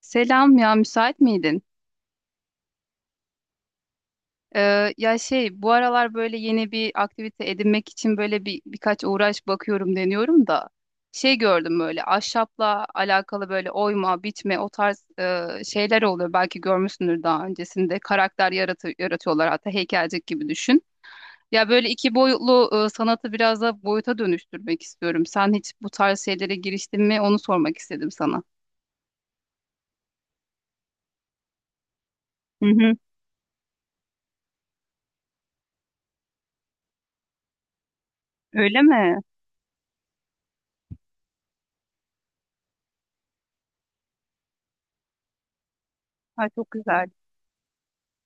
Selam ya, müsait miydin? Bu aralar böyle yeni bir aktivite edinmek için böyle birkaç uğraş bakıyorum, deniyorum da şey gördüm, böyle ahşapla alakalı böyle oyma, biçme o tarz şeyler oluyor. Belki görmüşsündür, daha öncesinde karakter yaratıyorlar, hatta heykelcik gibi düşün. Ya böyle iki boyutlu sanatı biraz da boyuta dönüştürmek istiyorum. Sen hiç bu tarz şeylere giriştin mi? Onu sormak istedim sana. Hı hı. Öyle mi? Ha, çok güzel.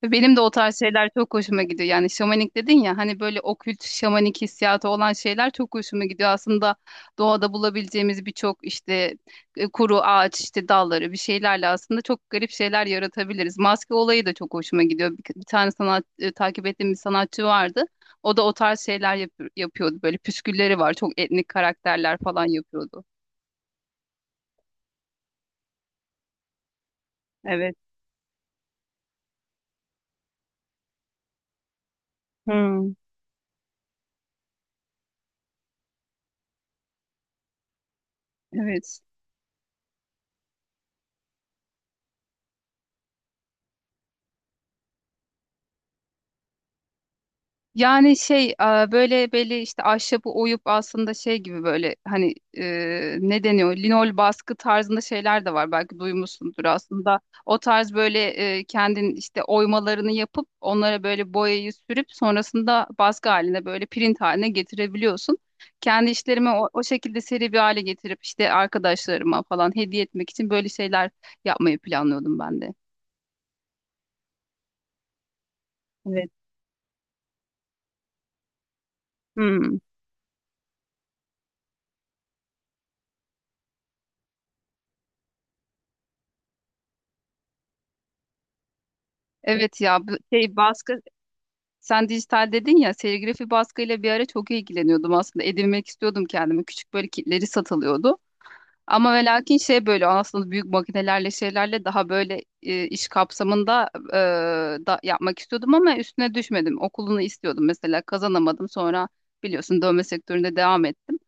Benim de o tarz şeyler çok hoşuma gidiyor. Yani şamanik dedin ya, hani böyle okült şamanik hissiyatı olan şeyler çok hoşuma gidiyor. Aslında doğada bulabileceğimiz birçok işte kuru ağaç, işte dalları, bir şeylerle aslında çok garip şeyler yaratabiliriz. Maske olayı da çok hoşuma gidiyor. Bir tane sanat, takip ettiğim bir sanatçı vardı. O da o tarz şeyler yapıyordu. Böyle püskülleri var. Çok etnik karakterler falan yapıyordu. Evet. Hmm. Evet. Yani böyle belli işte ahşabı oyup aslında şey gibi, böyle hani ne deniyor, linol baskı tarzında şeyler de var, belki duymuşsundur aslında. O tarz böyle kendin işte oymalarını yapıp onlara böyle boyayı sürüp sonrasında baskı haline, böyle print haline getirebiliyorsun. Kendi işlerimi o şekilde seri bir hale getirip işte arkadaşlarıma falan hediye etmek için böyle şeyler yapmayı planlıyordum ben de. Evet. Hmm. Evet ya, bu şey baskı. Sen dijital dedin ya, serigrafi baskıyla bir ara çok ilgileniyordum aslında, edinmek istiyordum kendime, küçük böyle kitleri satılıyordu ama ve lakin şey, böyle aslında büyük makinelerle şeylerle daha böyle iş kapsamında yapmak istiyordum ama üstüne düşmedim, okulunu istiyordum mesela, kazanamadım, sonra biliyorsun dövme sektöründe devam ettim.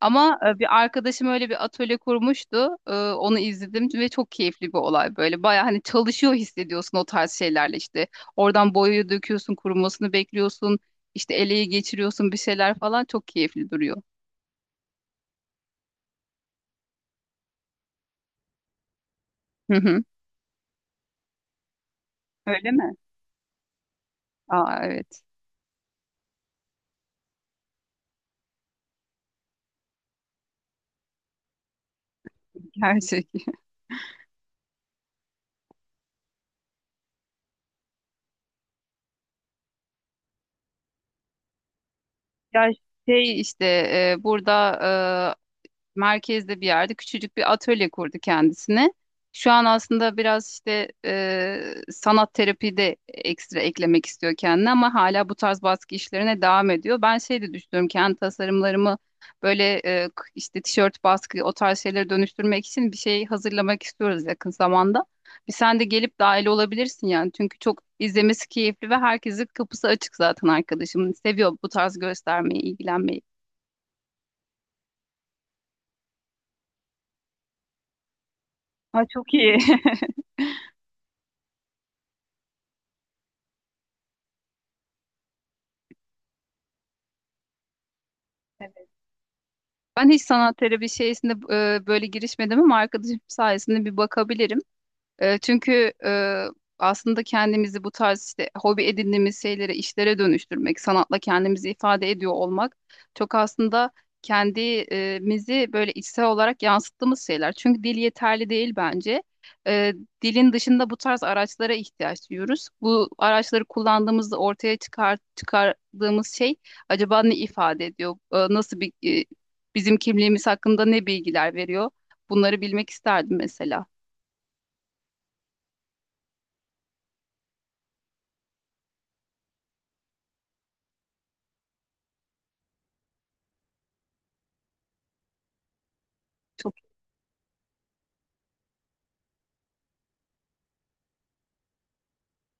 Ama bir arkadaşım öyle bir atölye kurmuştu. Onu izledim ve çok keyifli bir olay böyle. Baya hani çalışıyor hissediyorsun o tarz şeylerle işte. Oradan boyayı döküyorsun, kurumasını bekliyorsun. İşte eleyi geçiriyorsun bir şeyler falan, çok keyifli duruyor. Hı hı. Öyle mi? Aa, evet. Gerçek. Ya şey işte, burada e, merkezde bir yerde küçücük bir atölye kurdu kendisine. Şu an aslında biraz işte sanat terapi de ekstra eklemek istiyor kendine, ama hala bu tarz baskı işlerine devam ediyor. Ben şey de düşünüyorum, kendi tasarımlarımı böyle işte tişört baskı o tarz şeylere dönüştürmek için bir şey hazırlamak istiyoruz yakın zamanda. Bir sen de gelip dahil olabilirsin yani, çünkü çok izlemesi keyifli ve herkesin kapısı açık zaten arkadaşım. Seviyor bu tarz göstermeyi, ilgilenmeyi. Ha, çok iyi. Ben hiç sanat terapi şeysinde böyle girişmedim ama arkadaşım sayesinde bir bakabilirim. Çünkü aslında kendimizi bu tarz işte hobi edindiğimiz şeylere, işlere dönüştürmek, sanatla kendimizi ifade ediyor olmak çok aslında kendimizi böyle içsel olarak yansıttığımız şeyler. Çünkü dil yeterli değil bence. E, Dilin dışında bu tarz araçlara ihtiyaç duyuyoruz. Bu araçları kullandığımızda ortaya çıkar, çıkardığımız şey acaba ne ifade ediyor? Nasıl bir e, bizim kimliğimiz hakkında ne bilgiler veriyor? Bunları bilmek isterdim mesela. Çok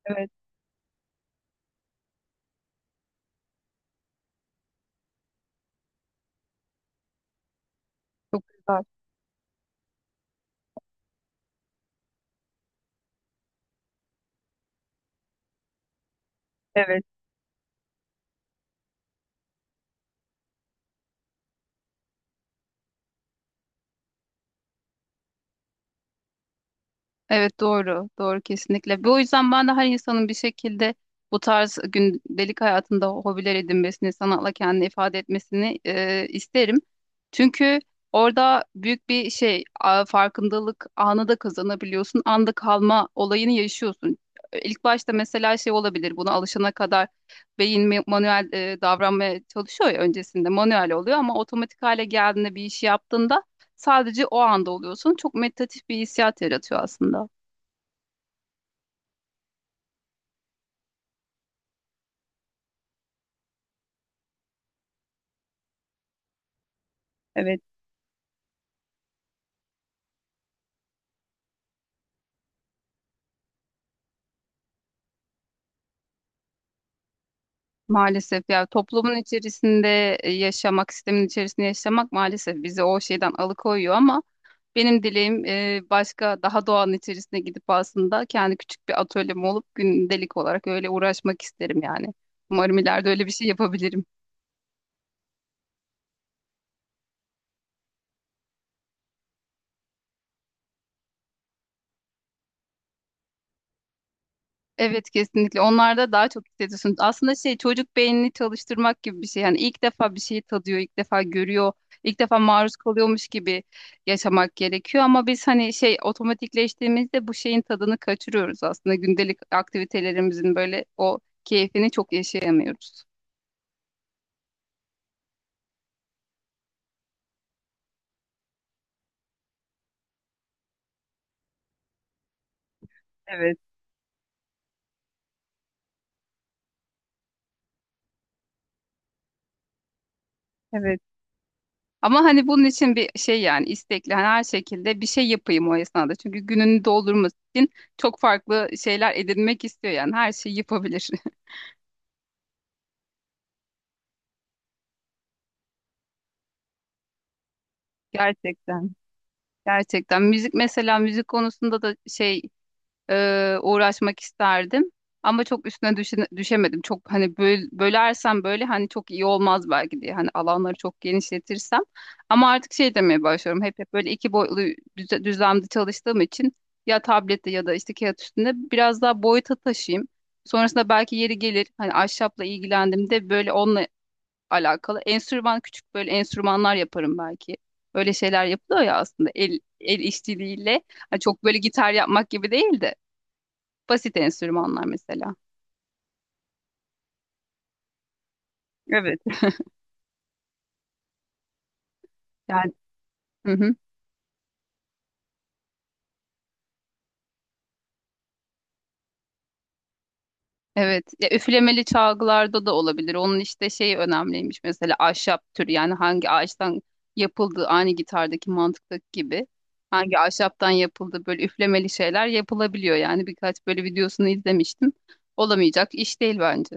evet çok güzel. Evet. Evet doğru, doğru, kesinlikle. Bu yüzden ben de her insanın bir şekilde bu tarz gündelik hayatında hobiler edinmesini, sanatla kendini ifade etmesini isterim. Çünkü orada büyük bir şey, farkındalık anı da kazanabiliyorsun, anda kalma olayını yaşıyorsun. İlk başta mesela şey olabilir, buna alışana kadar beyin manuel davranmaya çalışıyor ya, öncesinde manuel oluyor ama otomatik hale geldiğinde bir işi yaptığında sadece o anda oluyorsun. Çok meditatif bir hissiyat yaratıyor aslında. Evet, maalesef ya, toplumun içerisinde yaşamak, sistemin içerisinde yaşamak maalesef bizi o şeyden alıkoyuyor, ama benim dileğim başka, daha doğanın içerisine gidip aslında kendi küçük bir atölyem olup gündelik olarak öyle uğraşmak isterim yani. Umarım ileride öyle bir şey yapabilirim. Evet, kesinlikle. Onlarda daha çok hissediyorsun. Aslında şey, çocuk beynini çalıştırmak gibi bir şey. Yani ilk defa bir şeyi tadıyor, ilk defa görüyor, ilk defa maruz kalıyormuş gibi yaşamak gerekiyor. Ama biz hani şey, otomatikleştiğimizde bu şeyin tadını kaçırıyoruz aslında. Gündelik aktivitelerimizin böyle o keyfini çok yaşayamıyoruz. Evet, evet. Ama hani bunun için bir şey yani istekli, hani her şekilde bir şey yapayım o esnada. Çünkü gününü doldurması için çok farklı şeyler edinmek istiyor yani, her şeyi yapabilir. Gerçekten. Gerçekten müzik mesela, müzik konusunda da şey, uğraşmak isterdim ama çok üstüne düşemedim. Çok hani bölersem böyle hani çok iyi olmaz belki diye, hani alanları çok genişletirsem, ama artık şey demeye başlıyorum, hep böyle iki boyutlu düzlemde çalıştığım için ya tablette ya da işte kağıt üstünde biraz daha boyuta taşıyayım. Sonrasında belki yeri gelir, hani ahşapla ilgilendiğimde böyle onunla alakalı. Enstrüman, küçük böyle enstrümanlar yaparım belki. Öyle şeyler yapılıyor ya aslında, el işçiliğiyle. Hani çok böyle gitar yapmak gibi değil de basit enstrümanlar mesela. Evet. Yani, hı hı, evet. Ya, üflemeli çalgılarda da olabilir. Onun işte şey önemliymiş mesela, ahşap türü yani hangi ağaçtan yapıldığı, aynı gitardaki mantıktaki gibi. Hangi ahşaptan yapıldı, böyle üflemeli şeyler yapılabiliyor yani, birkaç böyle videosunu izlemiştim. Olamayacak iş değil bence.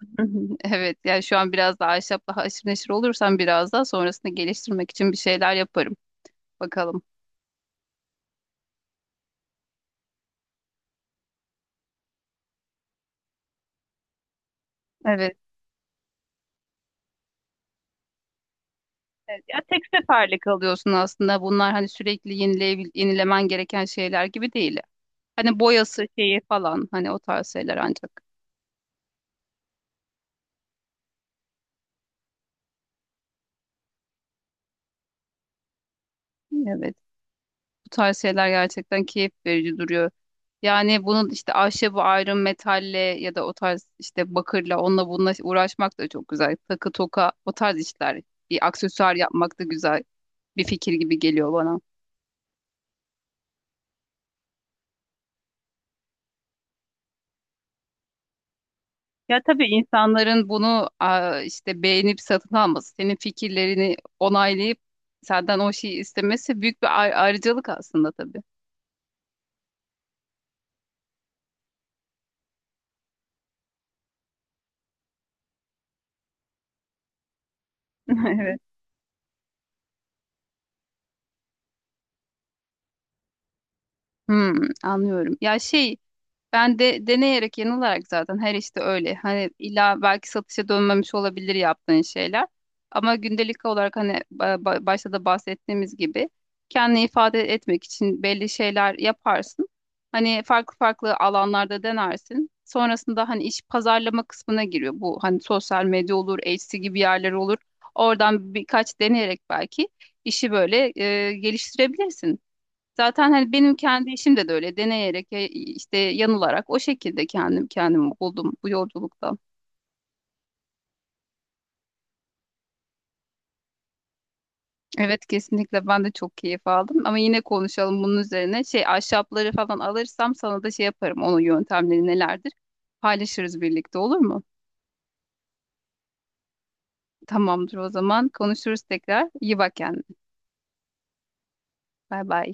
Hı hı. Evet yani, şu an biraz daha ahşapla haşır neşir olursam biraz daha sonrasında geliştirmek için bir şeyler yaparım. Bakalım. Evet. Evet. Ya tek seferlik alıyorsun aslında. Bunlar hani sürekli yenilemen gereken şeyler gibi değil. Hani boyası, şeyi falan hani, o tarz şeyler ancak. Evet. Bu tarz şeyler gerçekten keyif verici duruyor. Yani bunun işte, ahşabı ayrı metalle ya da o tarz işte bakırla, onunla bununla uğraşmak da çok güzel. Takı, toka, o tarz işler. Bir aksesuar yapmak da güzel. Bir fikir gibi geliyor bana. Ya tabii, insanların bunu aa, işte beğenip satın alması, senin fikirlerini onaylayıp senden o şeyi istemesi büyük bir ayrıcalık aslında tabii. Evet. Hmm, anlıyorum. Ya şey, ben de deneyerek yanılarak zaten, her işte öyle. Hani illa belki satışa dönmemiş olabilir yaptığın şeyler. Ama gündelik olarak hani başta da bahsettiğimiz gibi kendini ifade etmek için belli şeyler yaparsın. Hani farklı farklı alanlarda denersin. Sonrasında hani iş, pazarlama kısmına giriyor. Bu hani sosyal medya olur, Etsy gibi yerler olur. Oradan birkaç deneyerek belki işi böyle geliştirebilirsin. Zaten hani benim kendi işim de öyle deneyerek işte yanılarak o şekilde kendimi buldum bu yolculukta. Evet kesinlikle, ben de çok keyif aldım, ama yine konuşalım bunun üzerine. Şey, ahşapları falan alırsam sana da şey yaparım, onun yöntemleri nelerdir paylaşırız birlikte, olur mu? Tamamdır, o zaman konuşuruz tekrar. İyi bak kendine. Bay bay.